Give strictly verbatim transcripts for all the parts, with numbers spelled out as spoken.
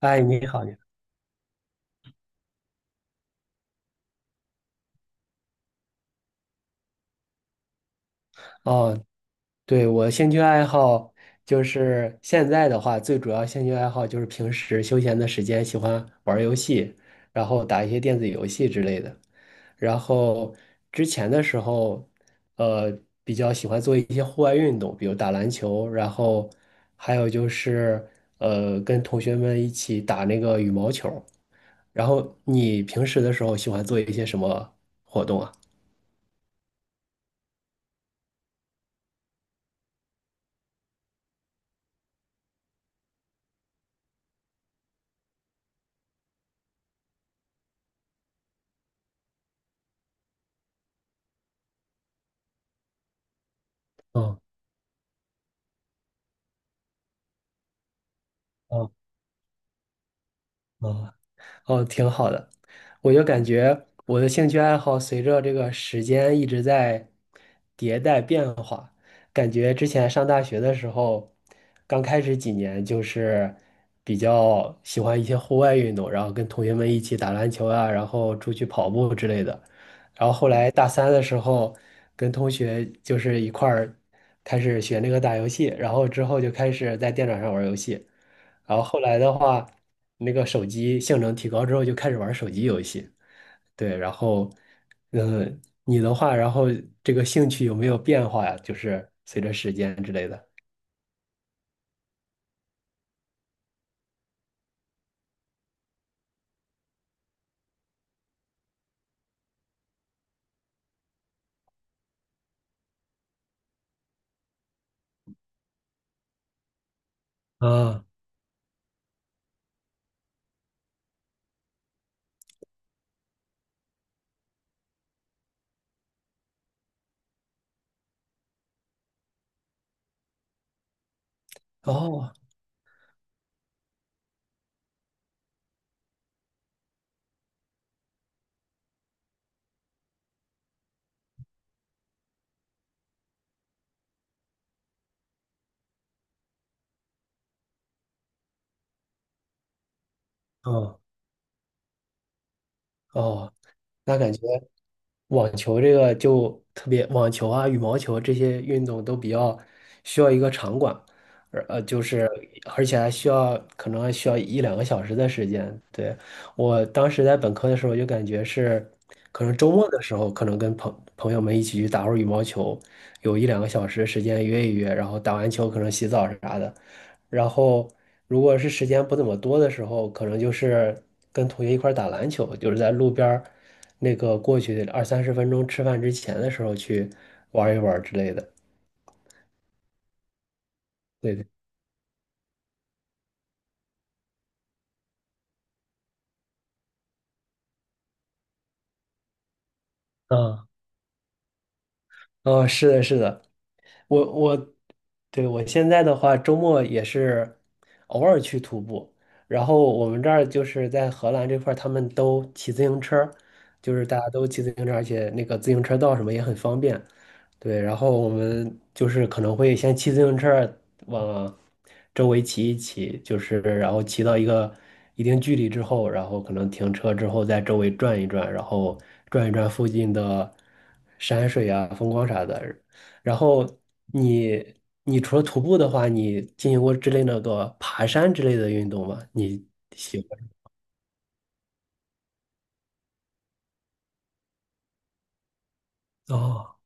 哎，你好，你好。哦，对，我兴趣爱好就是现在的话，最主要兴趣爱好就是平时休闲的时间喜欢玩儿游戏，然后打一些电子游戏之类的。然后之前的时候，呃，比较喜欢做一些户外运动，比如打篮球，然后还有就是呃，跟同学们一起打那个羽毛球。然后你平时的时候喜欢做一些什么活动啊？嗯嗯嗯。哦，挺好的。我就感觉我的兴趣爱好随着这个时间一直在迭代变化。感觉之前上大学的时候，刚开始几年就是比较喜欢一些户外运动，然后跟同学们一起打篮球啊，然后出去跑步之类的。然后后来大三的时候，跟同学就是一块儿开始学那个打游戏，然后之后就开始在电脑上玩游戏。然后后来的话，那个手机性能提高之后，就开始玩手机游戏。对，然后，呃，你的话，然后这个兴趣有没有变化呀？就是随着时间之类的。啊，哦，哦，哦，那感觉。网球这个就特别，网球啊、羽毛球这些运动都比较需要一个场馆，而呃，就是而且还需要可能还需要一两个小时的时间。对，我当时在本科的时候就感觉是，可能周末的时候可能跟朋朋友们一起去打会儿羽毛球，有一两个小时的时间约一约，然后打完球可能洗澡啥的，然后如果是时间不怎么多的时候，可能就是跟同学一块儿打篮球，就是在路边儿。那个过去二三十分钟吃饭之前的时候去玩一玩之类的。对对，啊啊，是的，是的，我我对我现在的话，周末也是偶尔去徒步。然后我们这儿就是在荷兰这块儿他们都骑自行车，就是大家都骑自行车，而且那个自行车道什么也很方便。对，然后我们就是可能会先骑自行车往周围骑一骑，就是然后骑到一个一定距离之后，然后可能停车之后在周围转一转，然后转一转附近的山水啊、风光啥的，然后你你除了徒步的话，你进行过之类那个爬山之类的运动吗？你喜欢？哦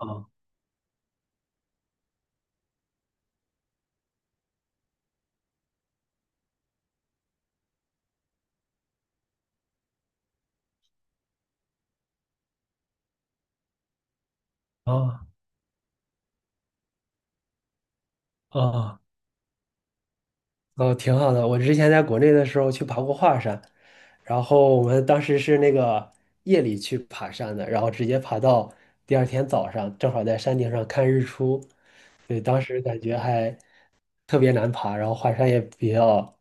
哦哦哦哦，挺好的。我之前在国内的时候去爬过华山，然后我们当时是那个夜里去爬山的，然后直接爬到第二天早上，正好在山顶上看日出。对，当时感觉还特别难爬，然后华山也比较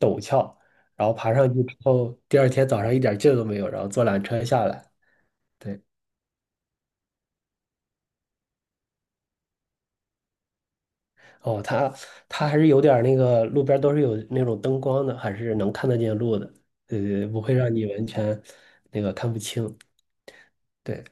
陡峭，然后爬上去之后，第二天早上一点劲儿都没有，然后坐缆车下来。对，哦，它它还是有点儿那个路边儿都是有那种灯光的，还是能看得见路的，对对，对不会让你完全那个看不清。对。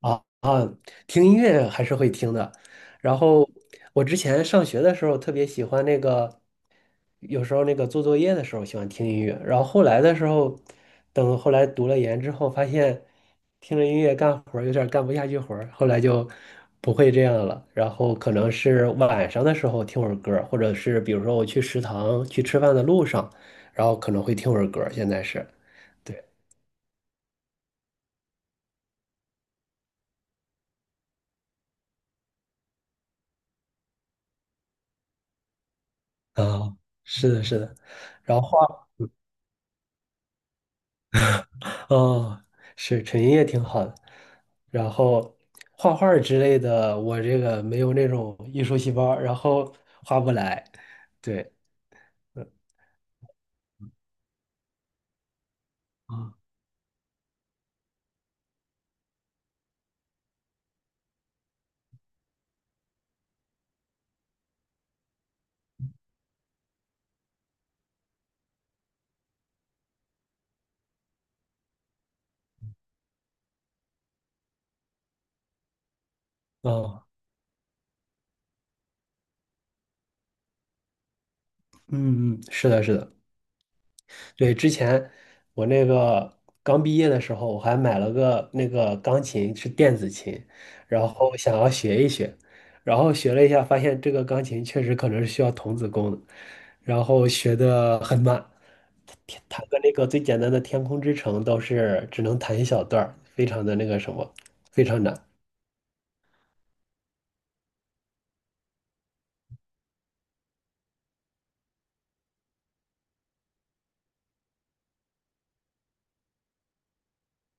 啊啊，听音乐还是会听的。然后我之前上学的时候特别喜欢那个，有时候那个做作业的时候喜欢听音乐。然后后来的时候，等后来读了研之后，发现听着音乐干活儿有点儿干不下去活儿，后来就不会这样了。然后可能是晚上的时候听会儿歌儿或者是比如说我去食堂去吃饭的路上，然后可能会听会儿歌儿现在是对啊，是的，是的。然后。哦，是纯音乐挺好的。然后画画儿之类的，我这个没有那种艺术细胞，然后画不来。对，啊，哦，嗯嗯，是的，是的。对，之前我那个刚毕业的时候，我还买了个那个钢琴，是电子琴，然后想要学一学，然后学了一下，发现这个钢琴确实可能是需要童子功的，然后学的很慢，弹弹个那个最简单的《天空之城》都是只能弹一小段儿，非常的那个什么，非常难。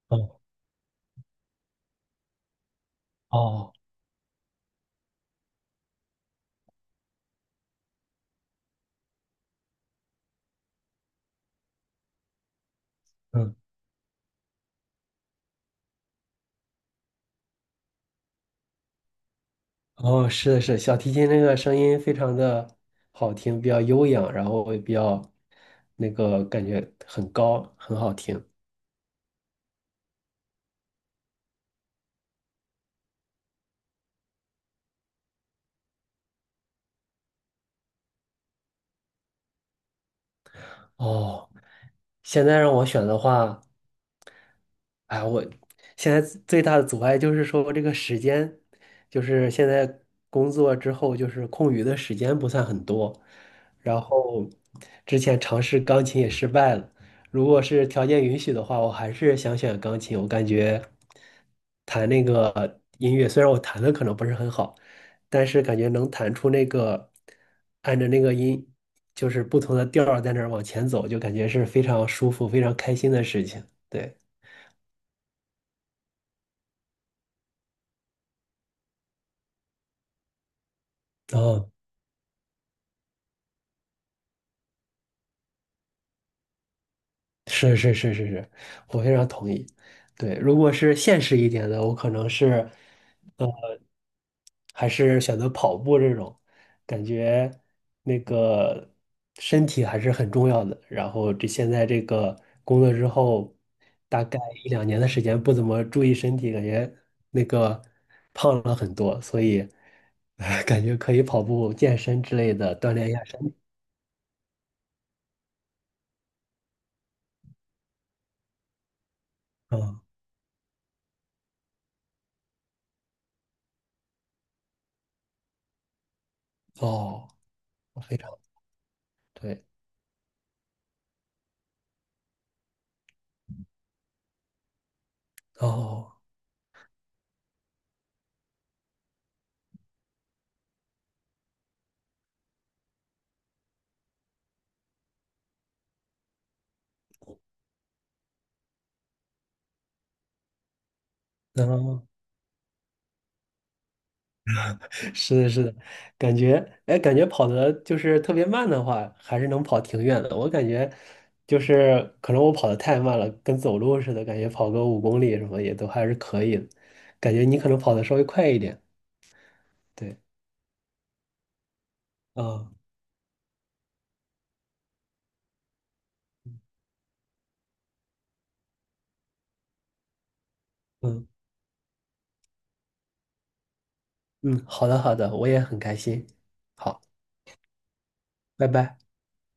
哦哦，哦，是的，是的小提琴那个声音非常的好听，比较悠扬，然后也比较那个感觉很高，很好听。哦，现在让我选的话。哎，我现在最大的阻碍就是说这个时间，就是现在工作之后，就是空余的时间不算很多。然后之前尝试钢琴也失败了，如果是条件允许的话，我还是想选钢琴。我感觉弹那个音乐，虽然我弹的可能不是很好，但是感觉能弹出那个按着那个音，就是不同的调儿在那儿往前走，就感觉是非常舒服、非常开心的事情。对。哦，是是是是是，我非常同意。对，如果是现实一点的，我可能是还是选择跑步这种，感觉那个身体还是很重要的。然后这现在这个工作之后，大概一两年的时间不怎么注意身体，感觉那个胖了很多，所以 呃感觉可以跑步、健身之类的锻炼一下身体。嗯，哦，我非常对，哦，那。是的，是的，感觉，哎，感觉跑的就是特别慢的话，还是能跑挺远的。我感觉就是可能我跑的太慢了，跟走路似的，感觉跑个五公里什么也都还是可以的。感觉你可能跑的稍微快一点。对，啊，嗯嗯，好的好的，我也很开心。好，拜拜。